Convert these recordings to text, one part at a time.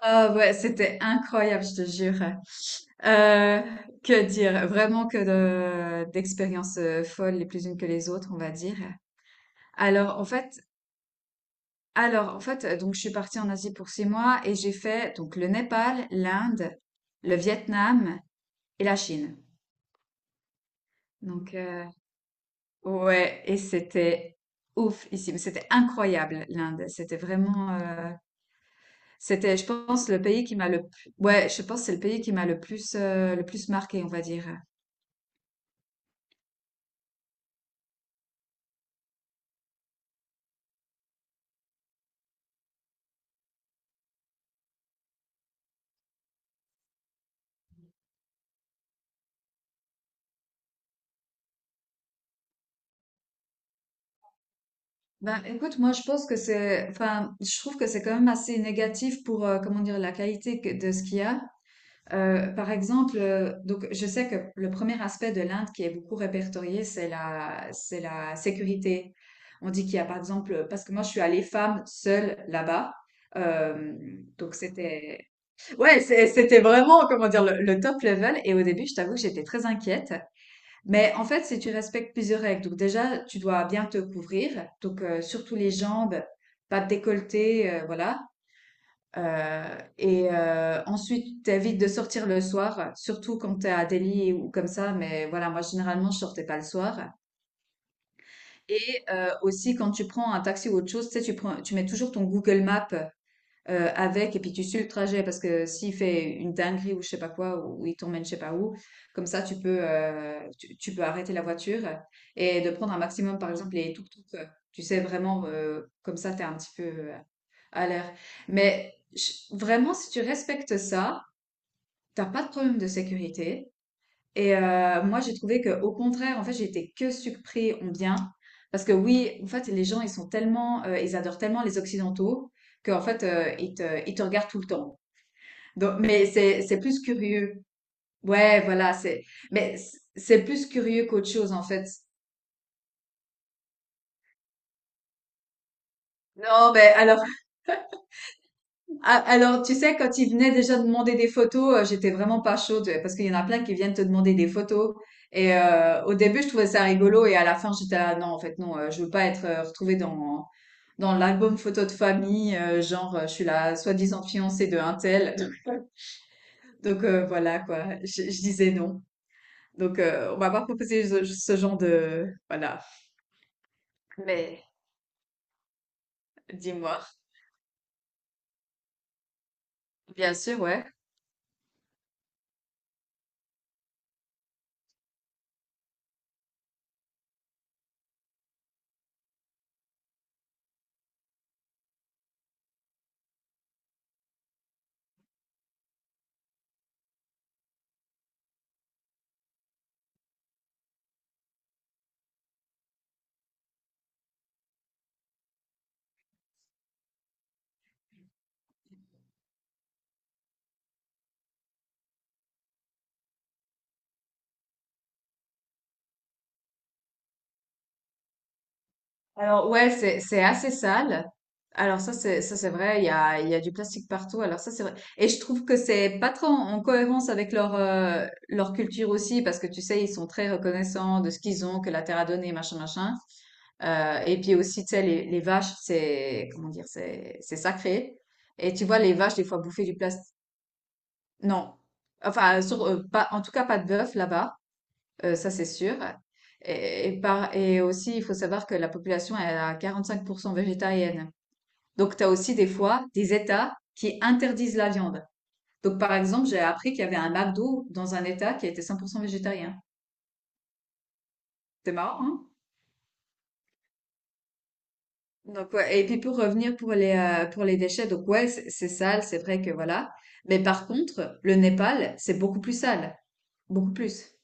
Ah ouais, c'était incroyable, je te jure. Euh, que dire? Vraiment d'expériences folles, les plus unes que les autres, on va dire. Alors en fait, alors en fait, donc je suis partie en Asie pour 6 mois et j'ai fait donc le Népal, l'Inde, le Vietnam et la Chine. Donc, ouais, et c'était ouf ici, mais c'était incroyable l'Inde. C'était vraiment. C'était, je pense, le pays qui m'a le. Ouais, je pense que c'est le pays qui m'a le plus marqué, on va dire. Ben, écoute, moi, je pense que c'est, enfin, je trouve que c'est quand même assez négatif pour, comment dire, la qualité de ce qu'il y a. Par exemple, donc je sais que le premier aspect de l'Inde qui est beaucoup répertorié, c'est la sécurité. On dit qu'il y a par exemple, parce que moi je suis allée femme seule là-bas, euh, donc c'était, ouais, c'était vraiment, comment dire, le top level. Et au début, je t'avoue que j'étais très inquiète. Mais en fait, si tu respectes plusieurs règles, donc déjà, tu dois bien te couvrir, donc surtout les jambes, pas de décolleté, voilà. Heu et ensuite, t'évites de sortir le soir, surtout quand t'es à Delhi ou comme ça, mais voilà, moi, généralement, je sortais pas le soir et aussi, quand tu prends un taxi ou autre chose, tu sais, tu mets toujours ton Google Maps, avec et puis tu suis le trajet parce que s'il fait une dinguerie ou je sais pas quoi ou il t'emmène je sais pas où, comme ça, tu peux arrêter la voiture et de prendre un maximum, par exemple, les tuk tuk tu sais, vraiment, comme ça, t'es un petit peu, euh, à l'air. Mais vraiment, si tu respectes ça, t'as pas de problème de sécurité. Et moi, j'ai trouvé que, au contraire, en fait, j'étais que surpris en bien. Parce que oui, en fait, les gens, ils sont tellement, ils adorent tellement les Occidentaux qu'en fait, ils te regardent tout le temps. Donc, mais c'est plus curieux. Ouais, voilà, mais c'est plus curieux qu'autre chose, en fait. Non, mais alors, ah, alors, tu sais, quand ils venaient déjà demander des photos, j'étais vraiment pas chaude parce qu'il y en a plein qui viennent te demander des photos. Et au début, je trouvais ça rigolo et à la fin, j'étais ah, non, en fait, non, je veux pas être retrouvée dans l'album photo de famille, genre je suis la soi-disant fiancée de un tel. Donc voilà quoi, je disais non. Donc on m'a pas proposé ce genre de voilà. Mais dis-moi. Bien sûr, ouais. Alors ouais, c'est assez sale. Alors ça c'est vrai, il y a du plastique partout. Alors ça c'est vrai. Et je trouve que c'est pas trop en cohérence avec leur culture aussi parce que tu sais ils sont très reconnaissants de ce qu'ils ont que la terre a donné machin machin. Et puis aussi tu sais les vaches c'est comment dire c'est sacré. Et tu vois les vaches des fois bouffer du plastique. Non. Enfin sur pas en tout cas pas de bœuf là-bas. Ça c'est sûr. Et aussi, il faut savoir que la population elle est à 45% végétarienne. Donc, tu as aussi des fois des États qui interdisent la viande. Donc, par exemple, j'ai appris qu'il y avait un McDo dans un État qui était 100% végétarien. C'est marrant, hein? Donc, ouais. Et puis, pour revenir pour les déchets, donc, ouais, c'est sale, c'est vrai que voilà. Mais par contre, le Népal, c'est beaucoup plus sale. Beaucoup plus.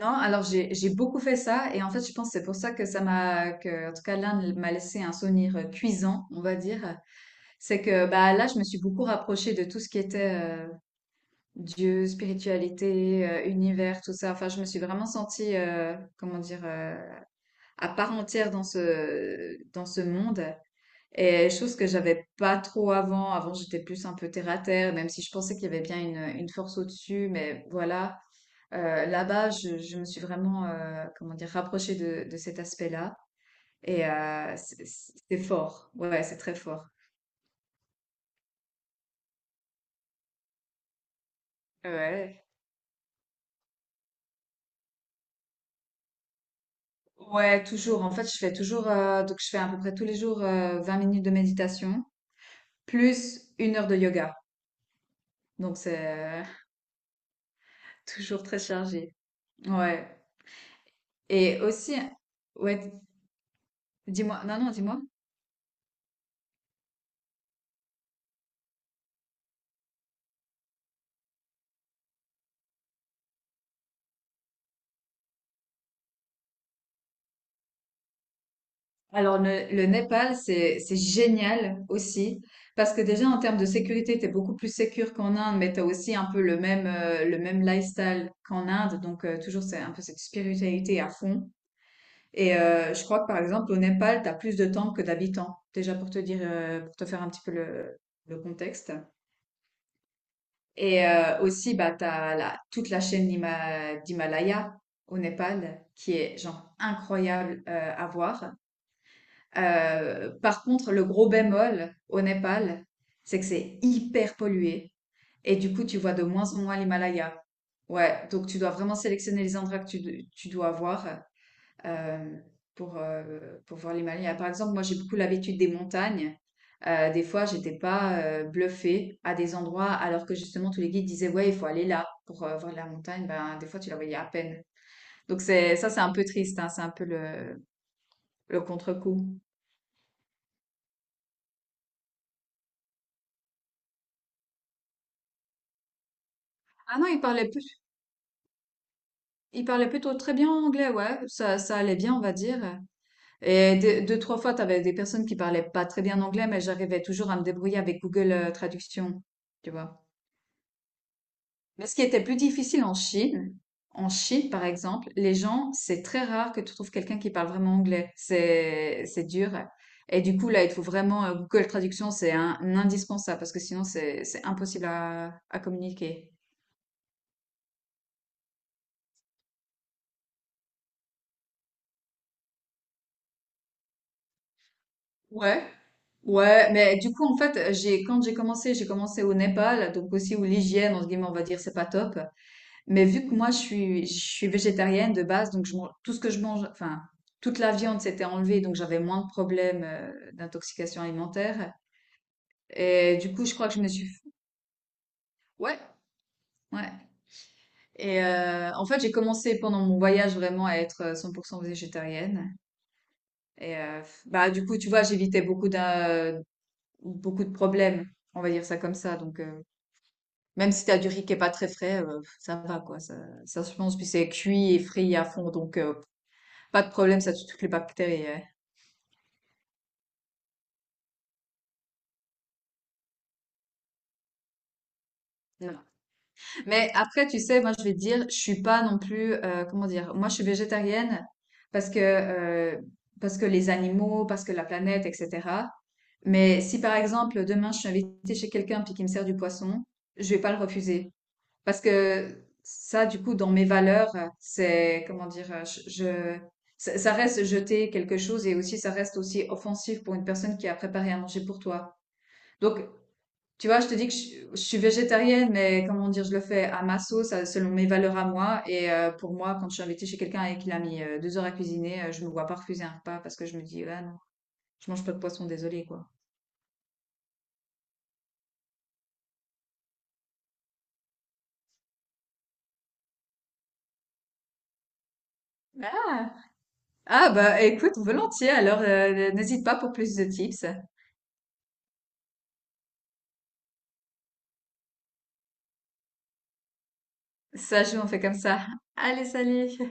Non, alors j'ai beaucoup fait ça et en fait je pense que c'est pour ça que ça m'a que en tout cas l'Inde m'a laissé un souvenir cuisant, on va dire. C'est que bah là je me suis beaucoup rapprochée de tout ce qui était euh, Dieu, spiritualité, univers, tout ça. Enfin, je me suis vraiment sentie, comment dire, à part entière dans ce monde. Et chose que j'avais pas trop avant. Avant, j'étais plus un peu terre à terre, même si je pensais qu'il y avait bien une force au-dessus. Mais voilà, là-bas, je me suis vraiment, comment dire, rapprochée de cet aspect-là. Et c'est fort. Ouais, c'est très fort. Ouais. Ouais, toujours. En fait, je fais toujours, donc je fais à peu près tous les jours 20 minutes de méditation, plus 1 heure de yoga. Donc c'est toujours très chargé. Ouais. Et aussi, ouais, dis-moi, non, non, dis-moi. Alors le Népal, c'est génial aussi parce que déjà en termes de sécurité, t'es beaucoup plus sécure qu'en Inde, mais t'as aussi un peu le même lifestyle qu'en Inde. Donc toujours c'est un peu cette spiritualité à fond. Et je crois que par exemple au Népal, t'as plus de temples que d'habitants. Déjà pour te dire, pour te faire un petit peu le contexte. Et aussi, bah, t'as la, toute la chaîne d'Himalaya au Népal qui est genre incroyable à voir. Par contre, le gros bémol au Népal, c'est que c'est hyper pollué. Et du coup, tu vois de moins en moins l'Himalaya. Ouais, donc tu dois vraiment sélectionner les endroits que tu dois voir euh, pour, euh, pour voir les Himalayas. Par exemple, moi, j'ai beaucoup l'habitude des montagnes. Des fois, j'étais pas bluffée à des endroits alors que justement tous les guides disaient ouais, il faut aller là pour voir la montagne. Ben, des fois, tu la voyais à peine. Donc c'est ça, c'est un peu triste, hein, c'est un peu le contre-coup. Ah non, il parlait plutôt très bien anglais, ouais, ça allait bien, on va dire. Et deux, deux, trois fois, t'avais des personnes qui parlaient pas très bien anglais, mais j'arrivais toujours à me débrouiller avec Google Traduction, tu vois. Mais ce qui était plus difficile en Chine, par exemple, les gens, c'est très rare que tu trouves quelqu'un qui parle vraiment anglais. C'est dur. Et du coup, là, il te faut vraiment, Google Traduction, c'est un indispensable parce que sinon, c'est impossible à communiquer. Ouais, ouais, mais du coup, en fait, quand j'ai commencé au Népal, donc aussi où l'hygiène, entre guillemets, on va dire, c'est pas top. Mais vu que moi, je suis végétarienne de base, donc tout ce que je mange, enfin, toute la viande s'était enlevée, donc j'avais moins de problèmes d'intoxication alimentaire. Et du coup, je crois que je me suis. Ouais, ouais. Et en fait, j'ai commencé pendant mon voyage vraiment à être 100% végétarienne. Et bah, du coup, tu vois, j'évitais beaucoup beaucoup de problèmes, on va dire ça comme ça. Donc, même si t'as du riz qui est pas très frais, ça va, quoi. Ça se mange, puis c'est cuit et frit à fond, donc. Pas de problème, ça tue toutes les bactéries, ouais. Non, non. Mais après, tu sais, moi, je vais te dire, je suis pas non plus, comment dire, moi, je suis végétarienne parce que, euh, parce que les animaux, parce que la planète, etc. Mais si, par exemple, demain, je suis invitée chez quelqu'un puis qu'il me sert du poisson, je vais pas le refuser. Parce que ça, du coup, dans mes valeurs, c'est, comment dire, ça reste jeter quelque chose et aussi, ça reste aussi offensif pour une personne qui a préparé à manger pour toi. Donc, tu vois, je te dis que je suis végétarienne, mais comment dire, je le fais à ma sauce, selon mes valeurs à moi. Et pour moi, quand je suis invitée chez quelqu'un et qu'il a mis 2 heures à cuisiner, je me vois pas refuser un repas parce que je me dis, ah non, je mange pas de poisson, désolé quoi. Ah, ah bah écoute, volontiers. Alors, n'hésite pas pour plus de tips. Ça joue, on fait comme ça. Allez, salut!